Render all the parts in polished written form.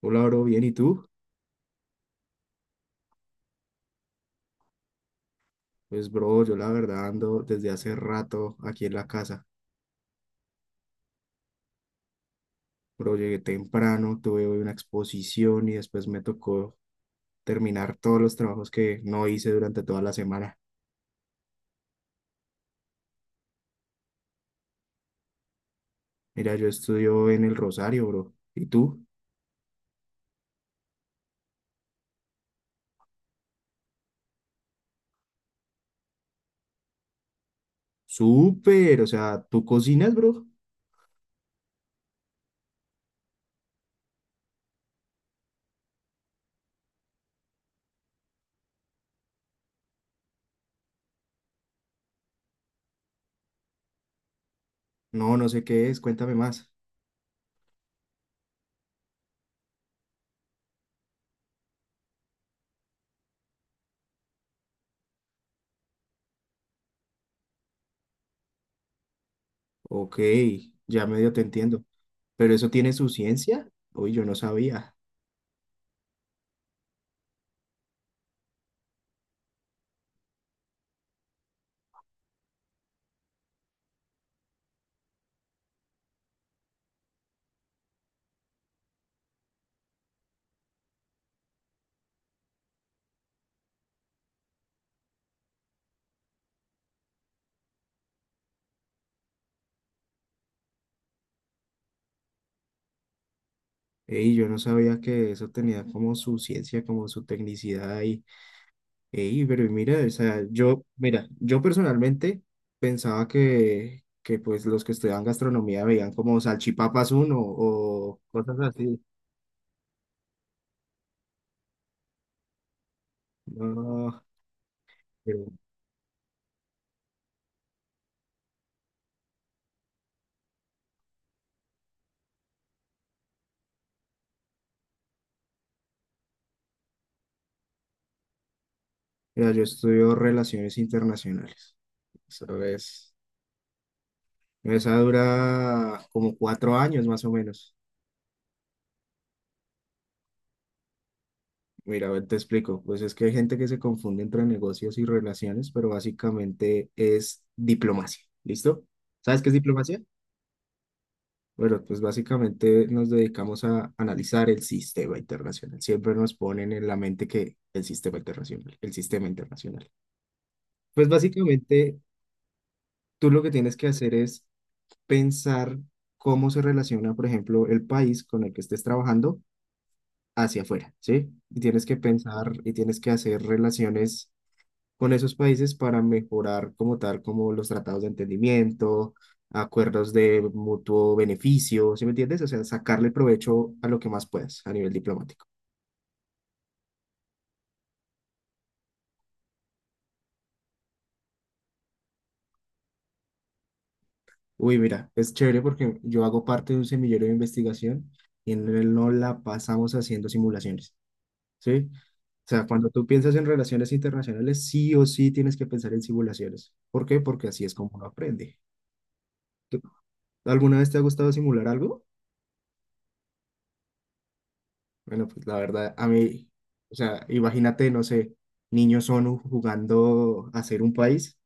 Hola, bro, bien, ¿y tú? Pues, bro, yo la verdad ando desde hace rato aquí en la casa. Bro, llegué temprano, tuve hoy una exposición y después me tocó terminar todos los trabajos que no hice durante toda la semana. Mira, yo estudio en el Rosario, bro. ¿Y tú? Súper, o sea, ¿tú cocinas, bro? No, no sé qué es, cuéntame más. Ok, ya medio te entiendo. ¿Pero eso tiene su ciencia? Uy, yo no sabía. Ey, yo no sabía que eso tenía como su ciencia, como su tecnicidad ahí. Ey, pero mira, o sea, yo personalmente pensaba que pues los que estudiaban gastronomía veían como salchipapas uno o cosas así. No, pero, mira, yo estudio relaciones internacionales. Eso es, esa dura como 4 años más o menos. Mira, a ver, te explico. Pues es que hay gente que se confunde entre negocios y relaciones, pero básicamente es diplomacia. ¿Listo? ¿Sabes qué es diplomacia? Bueno, pues básicamente nos dedicamos a analizar el sistema internacional. Siempre nos ponen en la mente que el sistema internacional, el sistema internacional. Pues básicamente tú lo que tienes que hacer es pensar cómo se relaciona, por ejemplo, el país con el que estés trabajando hacia afuera, ¿sí? Y tienes que pensar y tienes que hacer relaciones con esos países para mejorar como tal, como los tratados de entendimiento, acuerdos de mutuo beneficio, ¿sí me entiendes? O sea, sacarle provecho a lo que más puedas a nivel diplomático. Uy, mira, es chévere porque yo hago parte de un semillero de investigación y en él no la pasamos haciendo simulaciones, ¿sí? O sea, cuando tú piensas en relaciones internacionales, sí o sí tienes que pensar en simulaciones. ¿Por qué? Porque así es como uno aprende. ¿Tú- ¿Alguna vez te ha gustado simular algo? Bueno, pues la verdad, a mí, o sea, imagínate, no sé, niños ONU jugando a ser un país,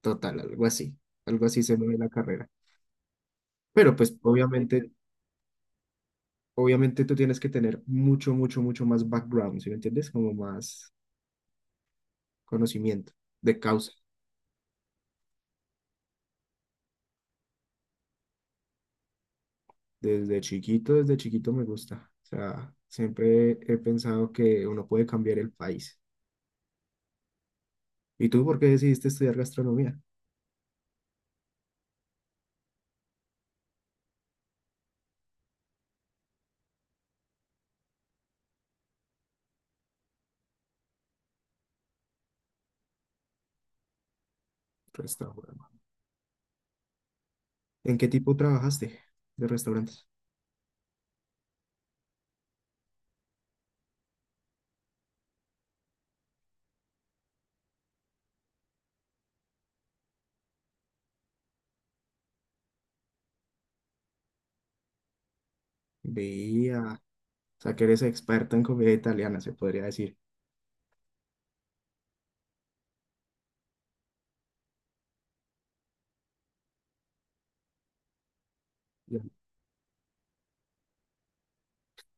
total, algo así se me ve la carrera. Pero pues obviamente, obviamente tú tienes que tener mucho, mucho, mucho más background, ¿sí me entiendes? Como más conocimiento de causa. Desde chiquito me gusta. O sea, siempre he pensado que uno puede cambiar el país. ¿Y tú por qué decidiste estudiar gastronomía? Restaurante. ¿En qué tipo trabajaste de restaurantes? Veía, o sea que eres experta en comida italiana, se podría decir. Ya,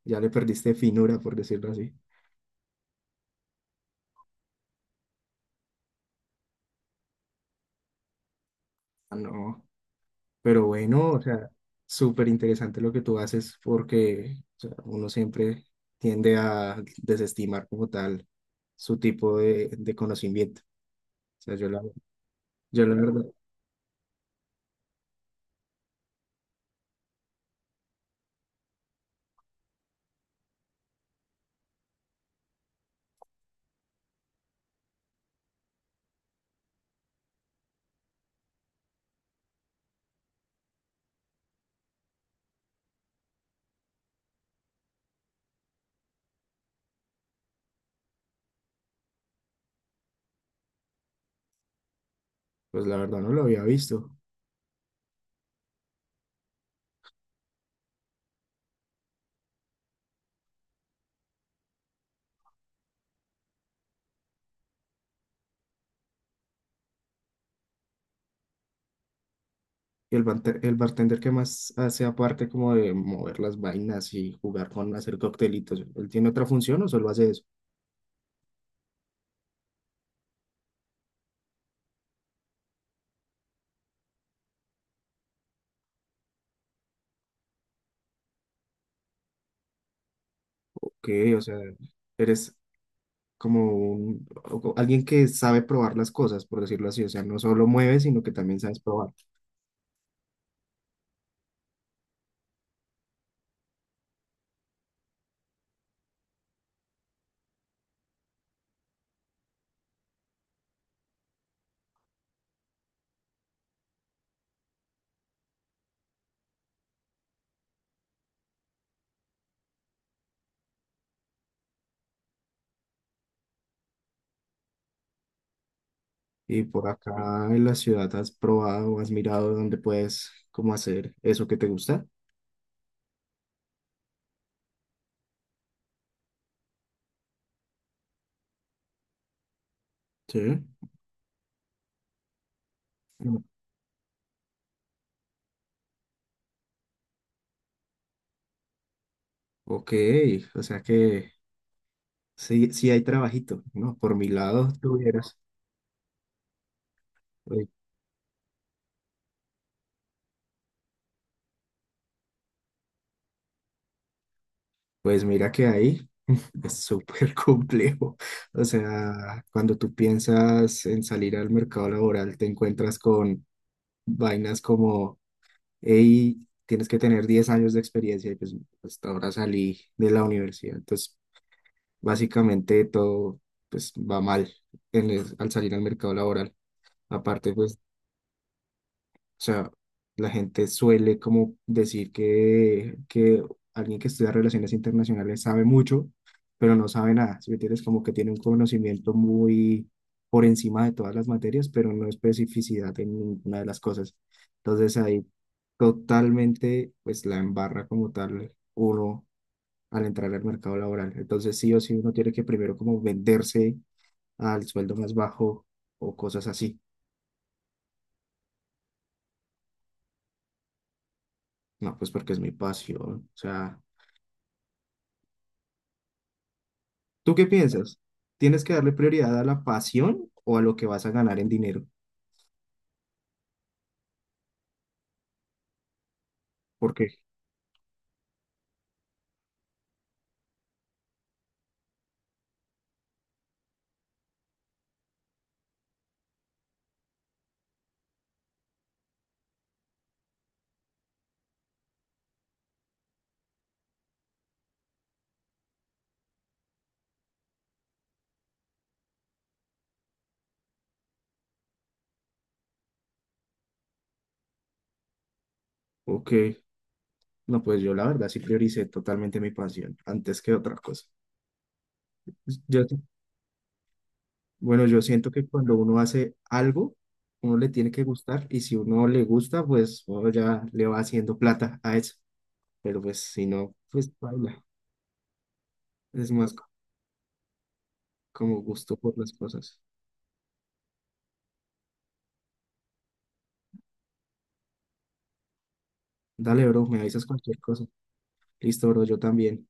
ya le perdiste finura, por decirlo así. Ah, no, pero bueno, o sea, súper interesante lo que tú haces porque o sea, uno siempre tiende a desestimar como tal su tipo de conocimiento. O sea, yo la verdad, pues la verdad no lo había visto. Y el, el bartender que más hace aparte como de mover las vainas y jugar con hacer coctelitos, ¿él tiene otra función o solo hace eso? Que, o sea, eres como alguien que sabe probar las cosas, por decirlo así, o sea, no solo mueves, sino que también sabes probar. Y por acá en la ciudad has probado, has mirado dónde puedes como hacer eso que te gusta. Sí. Mm. Ok, o sea que sí, sí hay trabajito, ¿no? Por mi lado tuvieras. Uy, pues mira que ahí es súper complejo. O sea, cuando tú piensas en salir al mercado laboral, te encuentras con vainas como y tienes que tener 10 años de experiencia y pues hasta ahora salí de la universidad. Entonces, básicamente todo pues va mal al salir al mercado laboral. Aparte, pues o sea, la gente suele como decir que alguien que estudia relaciones internacionales sabe mucho, pero no sabe nada. Si me entiendes, como que tiene un conocimiento muy por encima de todas las materias, pero no especificidad en ninguna de las cosas. Entonces ahí totalmente pues la embarra como tal uno al entrar al mercado laboral. Entonces sí o sí uno tiene que primero como venderse al sueldo más bajo o cosas así. No, pues porque es mi pasión. O sea... ¿Tú qué piensas? ¿Tienes que darle prioridad a la pasión o a lo que vas a ganar en dinero? ¿Por qué? Ok, no, pues yo la verdad sí prioricé totalmente mi pasión antes que otra cosa. Yo, bueno, yo siento que cuando uno hace algo, uno le tiene que gustar y si uno le gusta, pues uno ya le va haciendo plata a eso. Pero pues si no, pues baila. Es más co- Como gusto por las cosas. Dale, bro, me avisas cualquier cosa. Listo, bro, yo también.